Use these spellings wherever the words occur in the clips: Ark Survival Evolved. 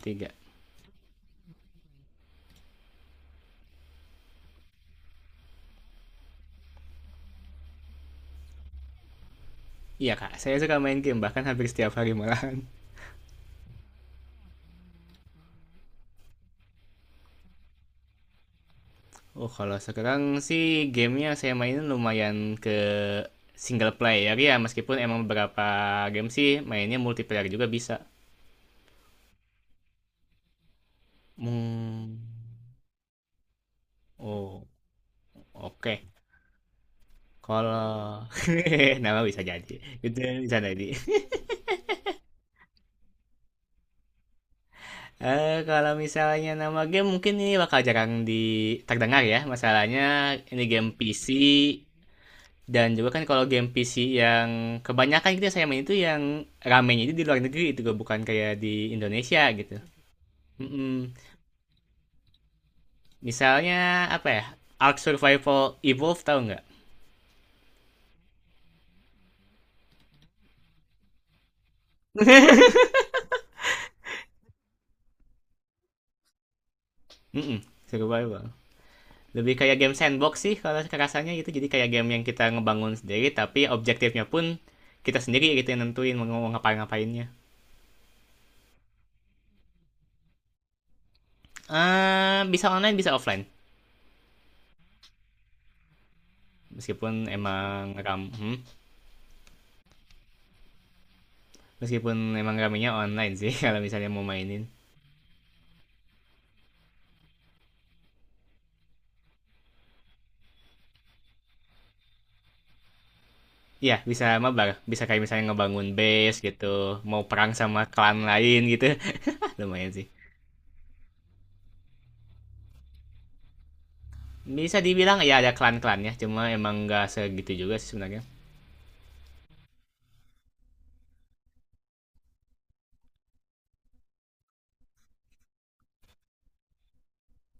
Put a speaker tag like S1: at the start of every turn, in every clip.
S1: Tiga. Iya kak, saya suka main game, bahkan hampir setiap hari malahan. Oh kalau sekarang sih gamenya saya mainin lumayan ke single player ya, meskipun emang beberapa game sih mainnya multiplayer juga bisa. Hmm. Oh, oke. Kalau nama bisa jadi, itu bisa jadi. Kalau misalnya nama game mungkin ini bakal jarang di terdengar ya. Masalahnya ini game PC. Dan juga kan kalau game PC yang kebanyakan gitu ya, saya main itu yang ramenya itu di luar negeri, itu bukan kayak di Indonesia gitu. Mm-mm. Misalnya apa ya? Ark Survival Evolved, tahu nggak? Mm-mm, survival. Lebih kayak game sandbox sih kalau rasanya gitu. Jadi kayak game yang kita ngebangun sendiri, tapi objektifnya pun kita sendiri gitu yang nentuin mau ngapain ngapainnya. Bisa online, bisa offline. Meskipun emang ram, meskipun emang ramenya online sih, kalau misalnya mau mainin. Iya, bisa mabar. Bisa kayak misalnya ngebangun base gitu, mau perang sama klan lain gitu. Lumayan sih. Bisa dibilang ya ada klan-klannya, cuma emang nggak segitu juga sih sebenarnya.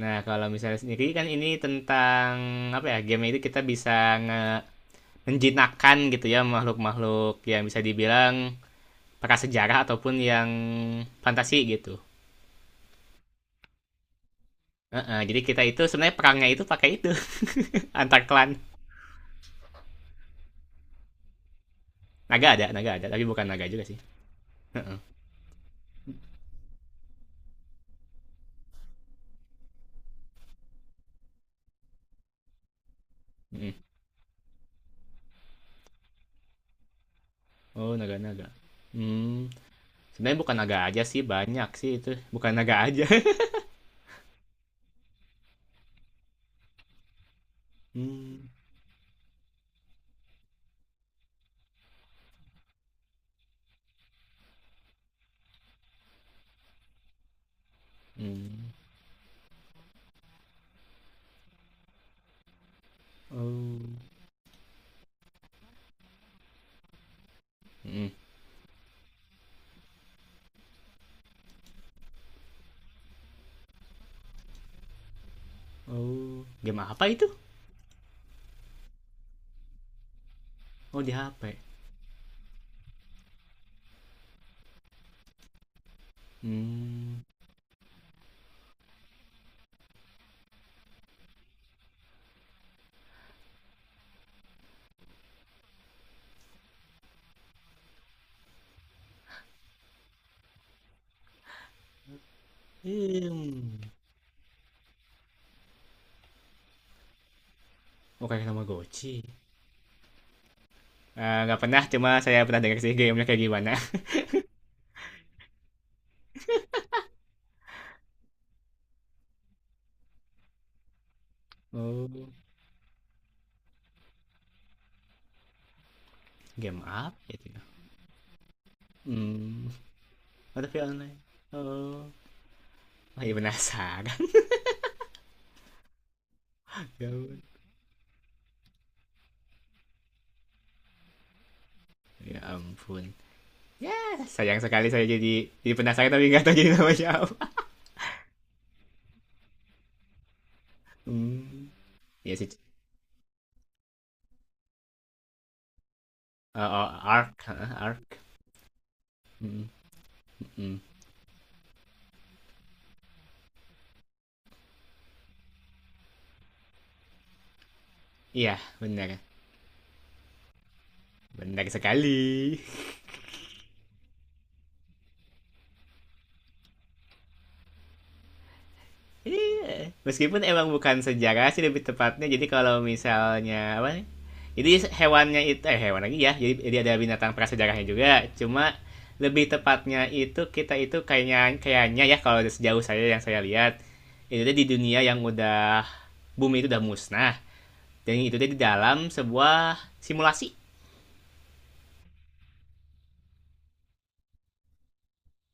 S1: Nah, kalau misalnya sendiri kan ini tentang apa ya? Game itu kita bisa nge menjinakkan gitu ya makhluk-makhluk yang bisa dibilang prasejarah ataupun yang fantasi gitu. Jadi kita itu sebenarnya perangnya itu pakai itu antar klan. Naga ada, tapi bukan naga juga sih. Uh -uh. Mm. Oh, naga-naga. Hmm. Sebenarnya bukan naga aja sih, banyak sih itu. Bukan naga aja. Hmm. Hmm. Oh. Hmm. Oh. Game apa itu? Oh, di HP. Hmm. Hmm. Oh, kayak nama Goci. Nggak pernah, cuma saya pernah dengar sih gamenya kayak gimana. Oh. Game apa itu ya? Hmm. Ada via online. Oh. Masih penasaran. Gaun. Ya ampun. Ya, sayang sekali, saya jadi penasaran tapi nggak tahu jadi nama siapa. Hmm. Ya sih. Oh, oh, Ark, heeh, Ark. Mm, mm. Iya, benar. Benar sekali. Iya. Meskipun emang bukan sejarah sih lebih tepatnya. Jadi kalau misalnya apa? Jadi hewannya itu, hewan lagi ya. Jadi ada binatang prasejarahnya juga. Cuma lebih tepatnya itu kita itu kayaknya kayaknya ya, kalau sejauh saya yang saya lihat itu di dunia yang udah bumi itu udah musnah, dan itu di dalam sebuah simulasi,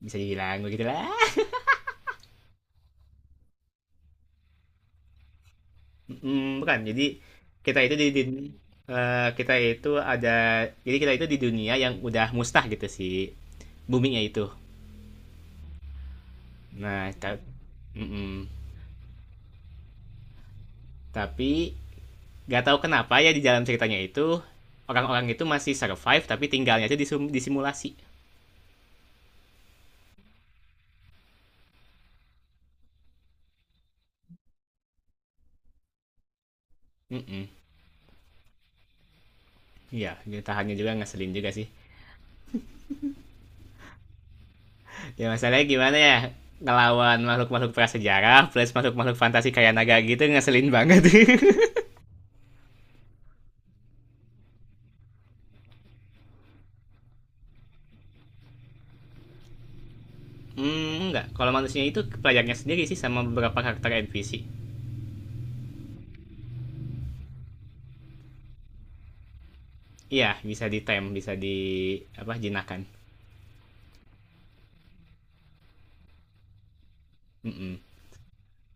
S1: bisa dibilang begitu lah. Mm, bukan. Jadi kita itu di dun- kita itu ada, jadi kita itu di dunia yang udah mustah gitu sih boomingnya itu. Nah, ta- mm-mm, tapi nggak tahu kenapa ya di dalam ceritanya itu orang-orang itu masih survive tapi tinggalnya itu di, sum- di simulasi. Mm-mm. Iya, tahannya juga ngeselin juga sih. Ya masalahnya gimana ya? Ngelawan makhluk-makhluk prasejarah plus makhluk-makhluk fantasi kayak naga gitu ngeselin banget. Hmm, enggak. Kalau manusia itu pelajarnya sendiri sih, sama beberapa karakter NPC. Iya, bisa di ditem, bisa di apa jinakan. Mm-mm.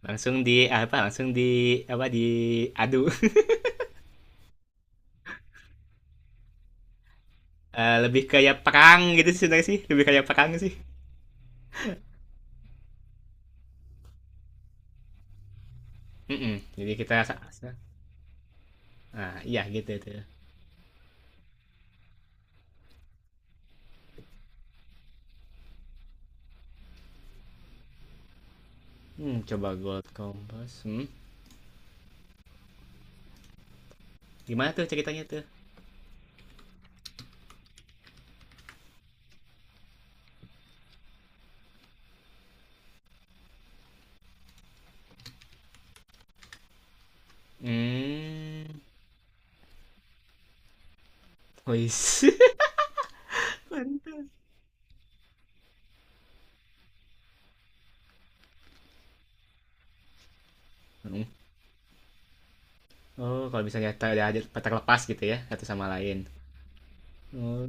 S1: Langsung di apa? Langsung di apa? Diadu. Eh, lebih kayak perang gitu sih sebenarnya sih, lebih kayak perang sih. Mm-mm. Jadi kita sa- sa- ah iya gitu tuh. Hmm, coba Gold Compass. Hmm. Gimana tuh ceritanya tuh? Hmm. Wis. Mantap. Mm. Oh, kalau misalnya ter- ada terlepas gitu ya satu sama lain. Oh.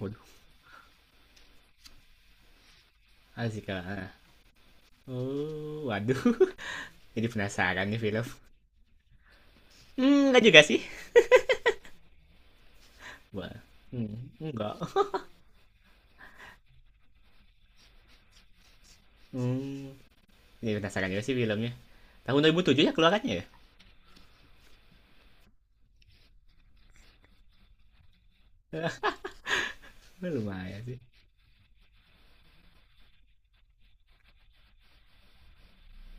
S1: Waduh, asik ah. Oh, waduh. Jadi penasaran nih film. Hmm, enggak juga sih. Wah, hmm, enggak. Hmm. Ini penasaran juga sih filmnya. Tahun 2007 ya keluarannya ya? Lumayan sih.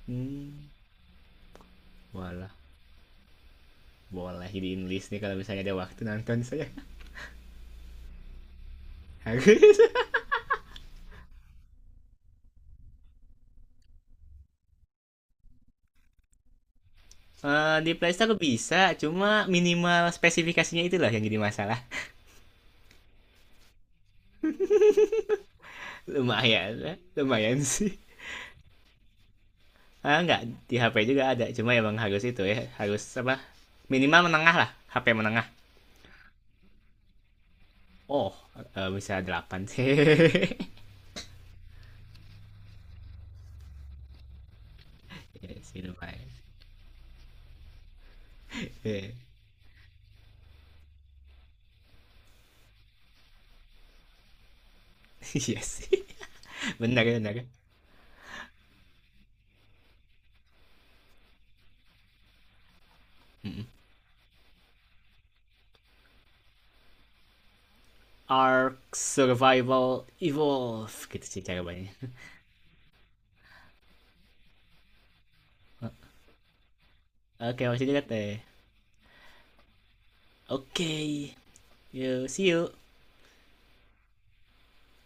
S1: Hmm. Walah, boleh jadiin list nih kalau misalnya ada waktu nonton saya. Harus. Eh, di Playstore bisa, cuma minimal spesifikasinya itulah yang jadi masalah. Lumayan, eh, lumayan sih. Ah, enggak, di HP juga ada, cuma emang harus itu ya, harus apa? Minimal menengah lah, HP menengah. Oh, eh, bisa 8 sih. Iya lumayan. Yes. Benar ya, benar. Mm-mm. Ark Survival Evolve gitu sih cara mainnya. Oke, masih dilihat deh. Oke, yuk, see you.